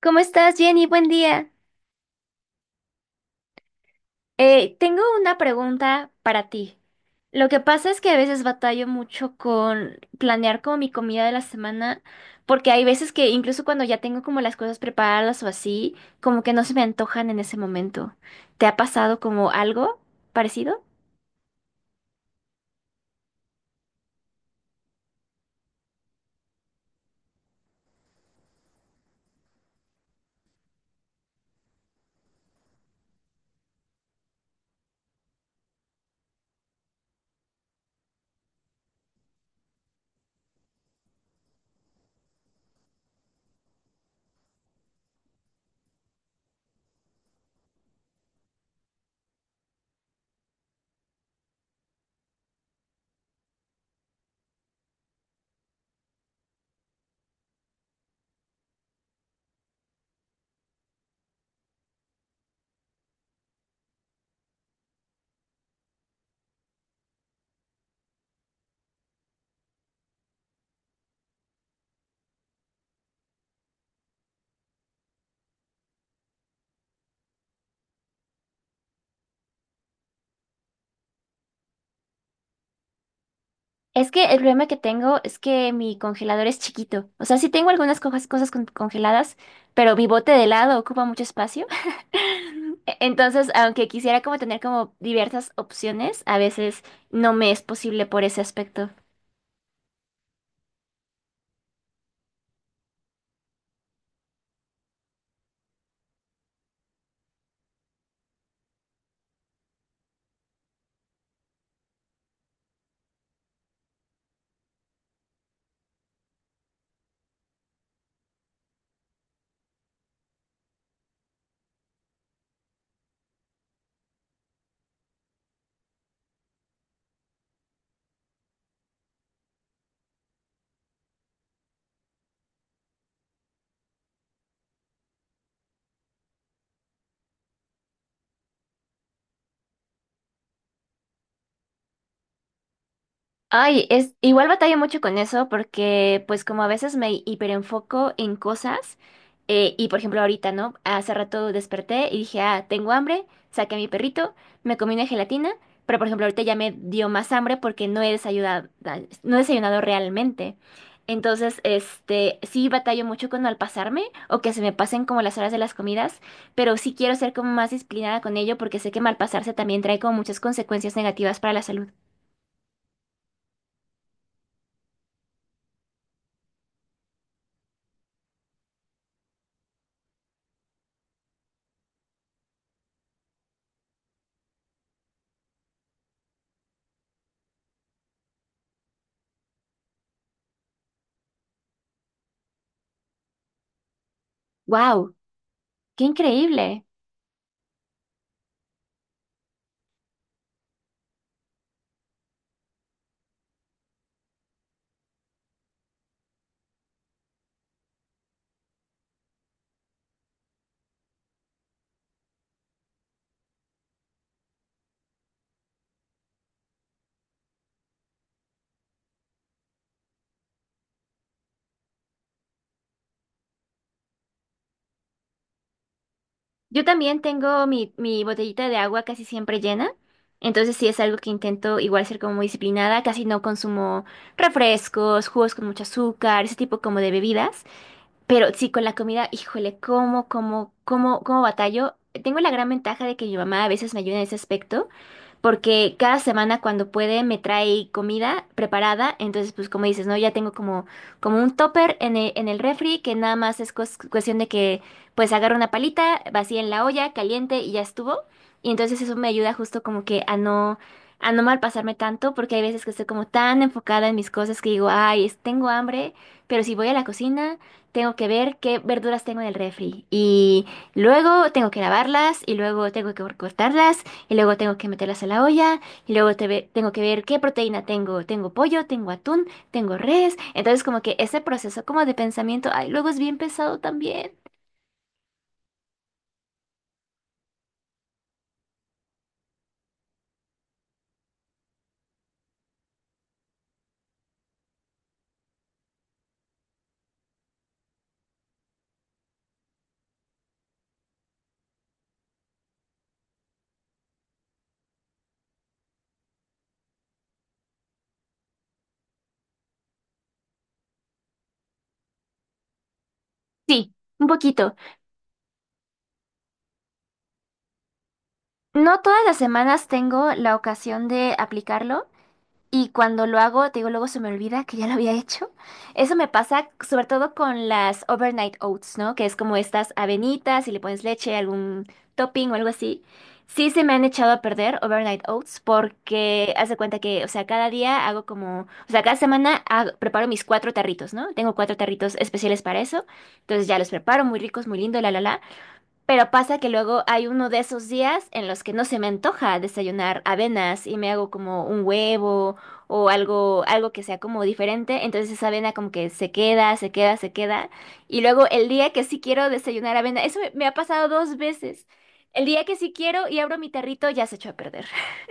¿Cómo estás, Jenny? Buen día. Tengo una pregunta para ti. Lo que pasa es que a veces batallo mucho con planear como mi comida de la semana, porque hay veces que incluso cuando ya tengo como las cosas preparadas o así, como que no se me antojan en ese momento. ¿Te ha pasado como algo parecido? Es que el problema que tengo es que mi congelador es chiquito. O sea, sí tengo algunas cosas congeladas, pero mi bote de helado ocupa mucho espacio. Entonces, aunque quisiera como tener como diversas opciones, a veces no me es posible por ese aspecto. Ay, es igual batalla mucho con eso porque pues como a veces me hiperenfoco en cosas y por ejemplo ahorita, ¿no? Hace rato desperté y dije, ah, tengo hambre, saqué a mi perrito, me comí una gelatina, pero por ejemplo ahorita ya me dio más hambre porque no he desayunado, no he desayunado realmente. Entonces, este, sí batallo mucho con al pasarme o que se me pasen como las horas de las comidas, pero sí quiero ser como más disciplinada con ello porque sé que mal pasarse también trae como muchas consecuencias negativas para la salud. ¡Wow! Qué increíble. Yo también tengo mi botellita de agua casi siempre llena, entonces sí es algo que intento igual ser como muy disciplinada, casi no consumo refrescos, jugos con mucho azúcar, ese tipo como de bebidas, pero sí, con la comida, híjole, cómo, cómo, cómo, cómo batallo. Tengo la gran ventaja de que mi mamá a veces me ayuda en ese aspecto, porque cada semana cuando puede me trae comida preparada, entonces pues como dices, ¿no? Ya tengo como, como un topper en el refri que nada más es cuestión de que pues agarro una palita, vacía en la olla, caliente y ya estuvo. Y entonces eso me ayuda justo como que a no malpasarme tanto, porque hay veces que estoy como tan enfocada en mis cosas que digo, ay, tengo hambre, pero si voy a la cocina... Tengo que ver qué verduras tengo en el refri y luego tengo que lavarlas y luego tengo que cortarlas y luego tengo que meterlas a la olla y luego tengo que ver qué proteína tengo. Tengo pollo, tengo atún, tengo res. Entonces como que ese proceso como de pensamiento, ay, luego es bien pesado también. Sí, un poquito. No todas las semanas tengo la ocasión de aplicarlo. Y cuando lo hago, te digo, luego se me olvida que ya lo había hecho. Eso me pasa sobre todo con las overnight oats, ¿no? Que es como estas avenitas y le pones leche, algún topping o algo así. Sí se me han echado a perder overnight oats porque haz de cuenta que, o sea, cada día hago como, o sea, cada semana preparo mis cuatro tarritos, ¿no? Tengo cuatro tarritos especiales para eso. Entonces ya los preparo, muy ricos, muy lindo, la, la, la. Pero pasa que luego hay uno de esos días en los que no se me antoja desayunar avenas y me hago como un huevo o algo, algo que sea como diferente. Entonces esa avena como que se queda, se queda, se queda. Y luego el día que sí quiero desayunar avena, eso me ha pasado 2 veces. El día que sí quiero y abro mi tarrito ya se echó a perder.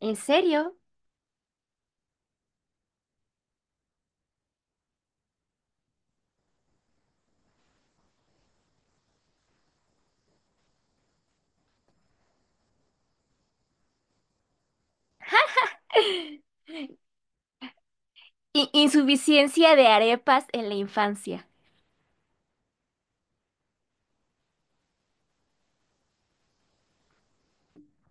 ¿En serio? Insuficiencia de arepas en la infancia.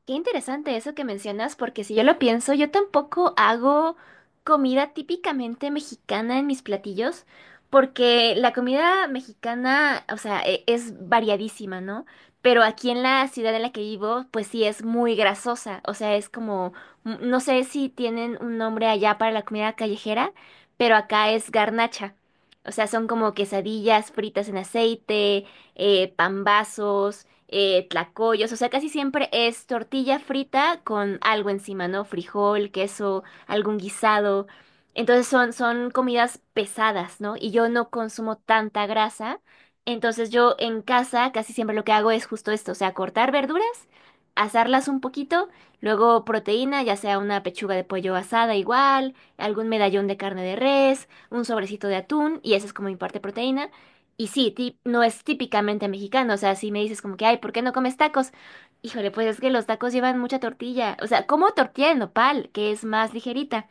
Qué interesante eso que mencionas, porque si yo lo pienso, yo tampoco hago comida típicamente mexicana en mis platillos, porque la comida mexicana, o sea, es variadísima, ¿no? Pero aquí en la ciudad en la que vivo, pues sí es muy grasosa, o sea, es como, mm, no sé si tienen un nombre allá para la comida callejera, pero acá es garnacha. O sea, son como quesadillas fritas en aceite, pambazos tlacoyos, o sea, casi siempre es tortilla frita con algo encima, ¿no? Frijol, queso, algún guisado. Entonces son, son comidas pesadas, ¿no? Y yo no consumo tanta grasa. Entonces yo en casa casi siempre lo que hago es justo esto, o sea, cortar verduras, asarlas un poquito, luego proteína, ya sea una pechuga de pollo asada igual, algún medallón de carne de res, un sobrecito de atún, y esa es como mi parte proteína. Y sí, no es típicamente mexicano, o sea, si me dices como que, ay, ¿por qué no comes tacos? Híjole, pues es que los tacos llevan mucha tortilla, o sea, como tortilla de nopal, que es más ligerita,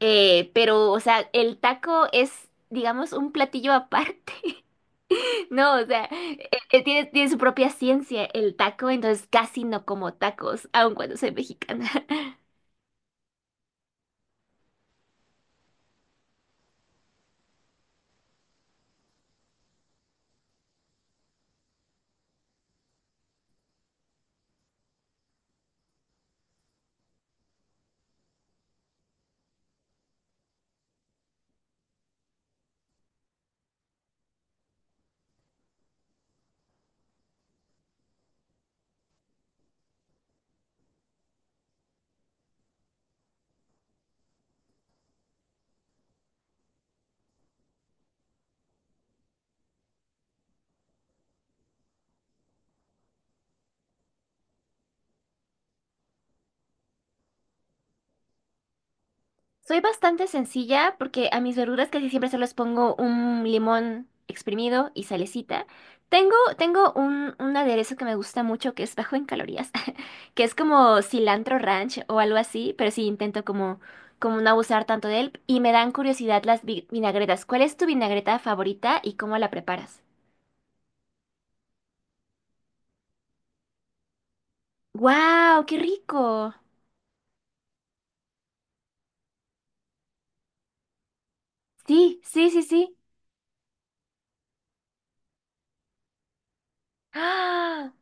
pero, o sea, el taco es, digamos, un platillo aparte, no, o sea, tiene, tiene su propia ciencia el taco, entonces casi no como tacos, aun cuando soy mexicana. Soy bastante sencilla porque a mis verduras casi siempre se les pongo un limón exprimido y salecita. Tengo, tengo un aderezo que me gusta mucho que es bajo en calorías, que es como cilantro ranch o algo así, pero sí intento como, como no abusar tanto de él. Y me dan curiosidad las vinagretas. ¿Cuál es tu vinagreta favorita y cómo la preparas? ¡Guau! ¡Qué rico! Sí, sí, sí, sí. ¡Ah!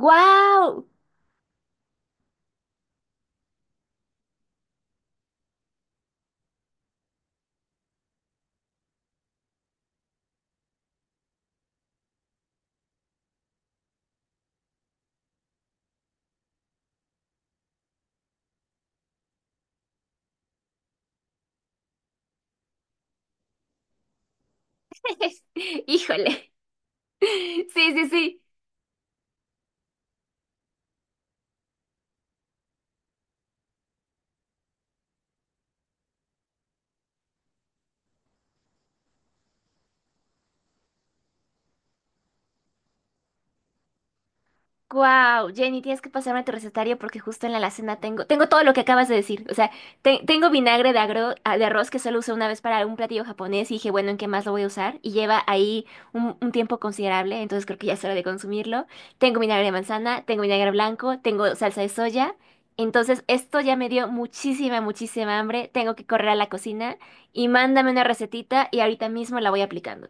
¡Guau! Híjole. Sí, sí, sí. Wow, Jenny, tienes que pasarme tu recetario porque justo en la alacena tengo, tengo todo lo que acabas de decir. O sea, tengo vinagre de, ah, de arroz que solo usé una vez para un platillo japonés y dije, bueno, ¿en qué más lo voy a usar? Y lleva ahí un tiempo considerable, entonces creo que ya es hora de consumirlo. Tengo vinagre de manzana, tengo vinagre blanco, tengo salsa de soya. Entonces, esto ya me dio muchísima, muchísima hambre. Tengo que correr a la cocina y mándame una recetita y ahorita mismo la voy aplicando.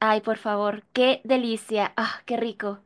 Ay, por favor, qué delicia. Ah, qué rico.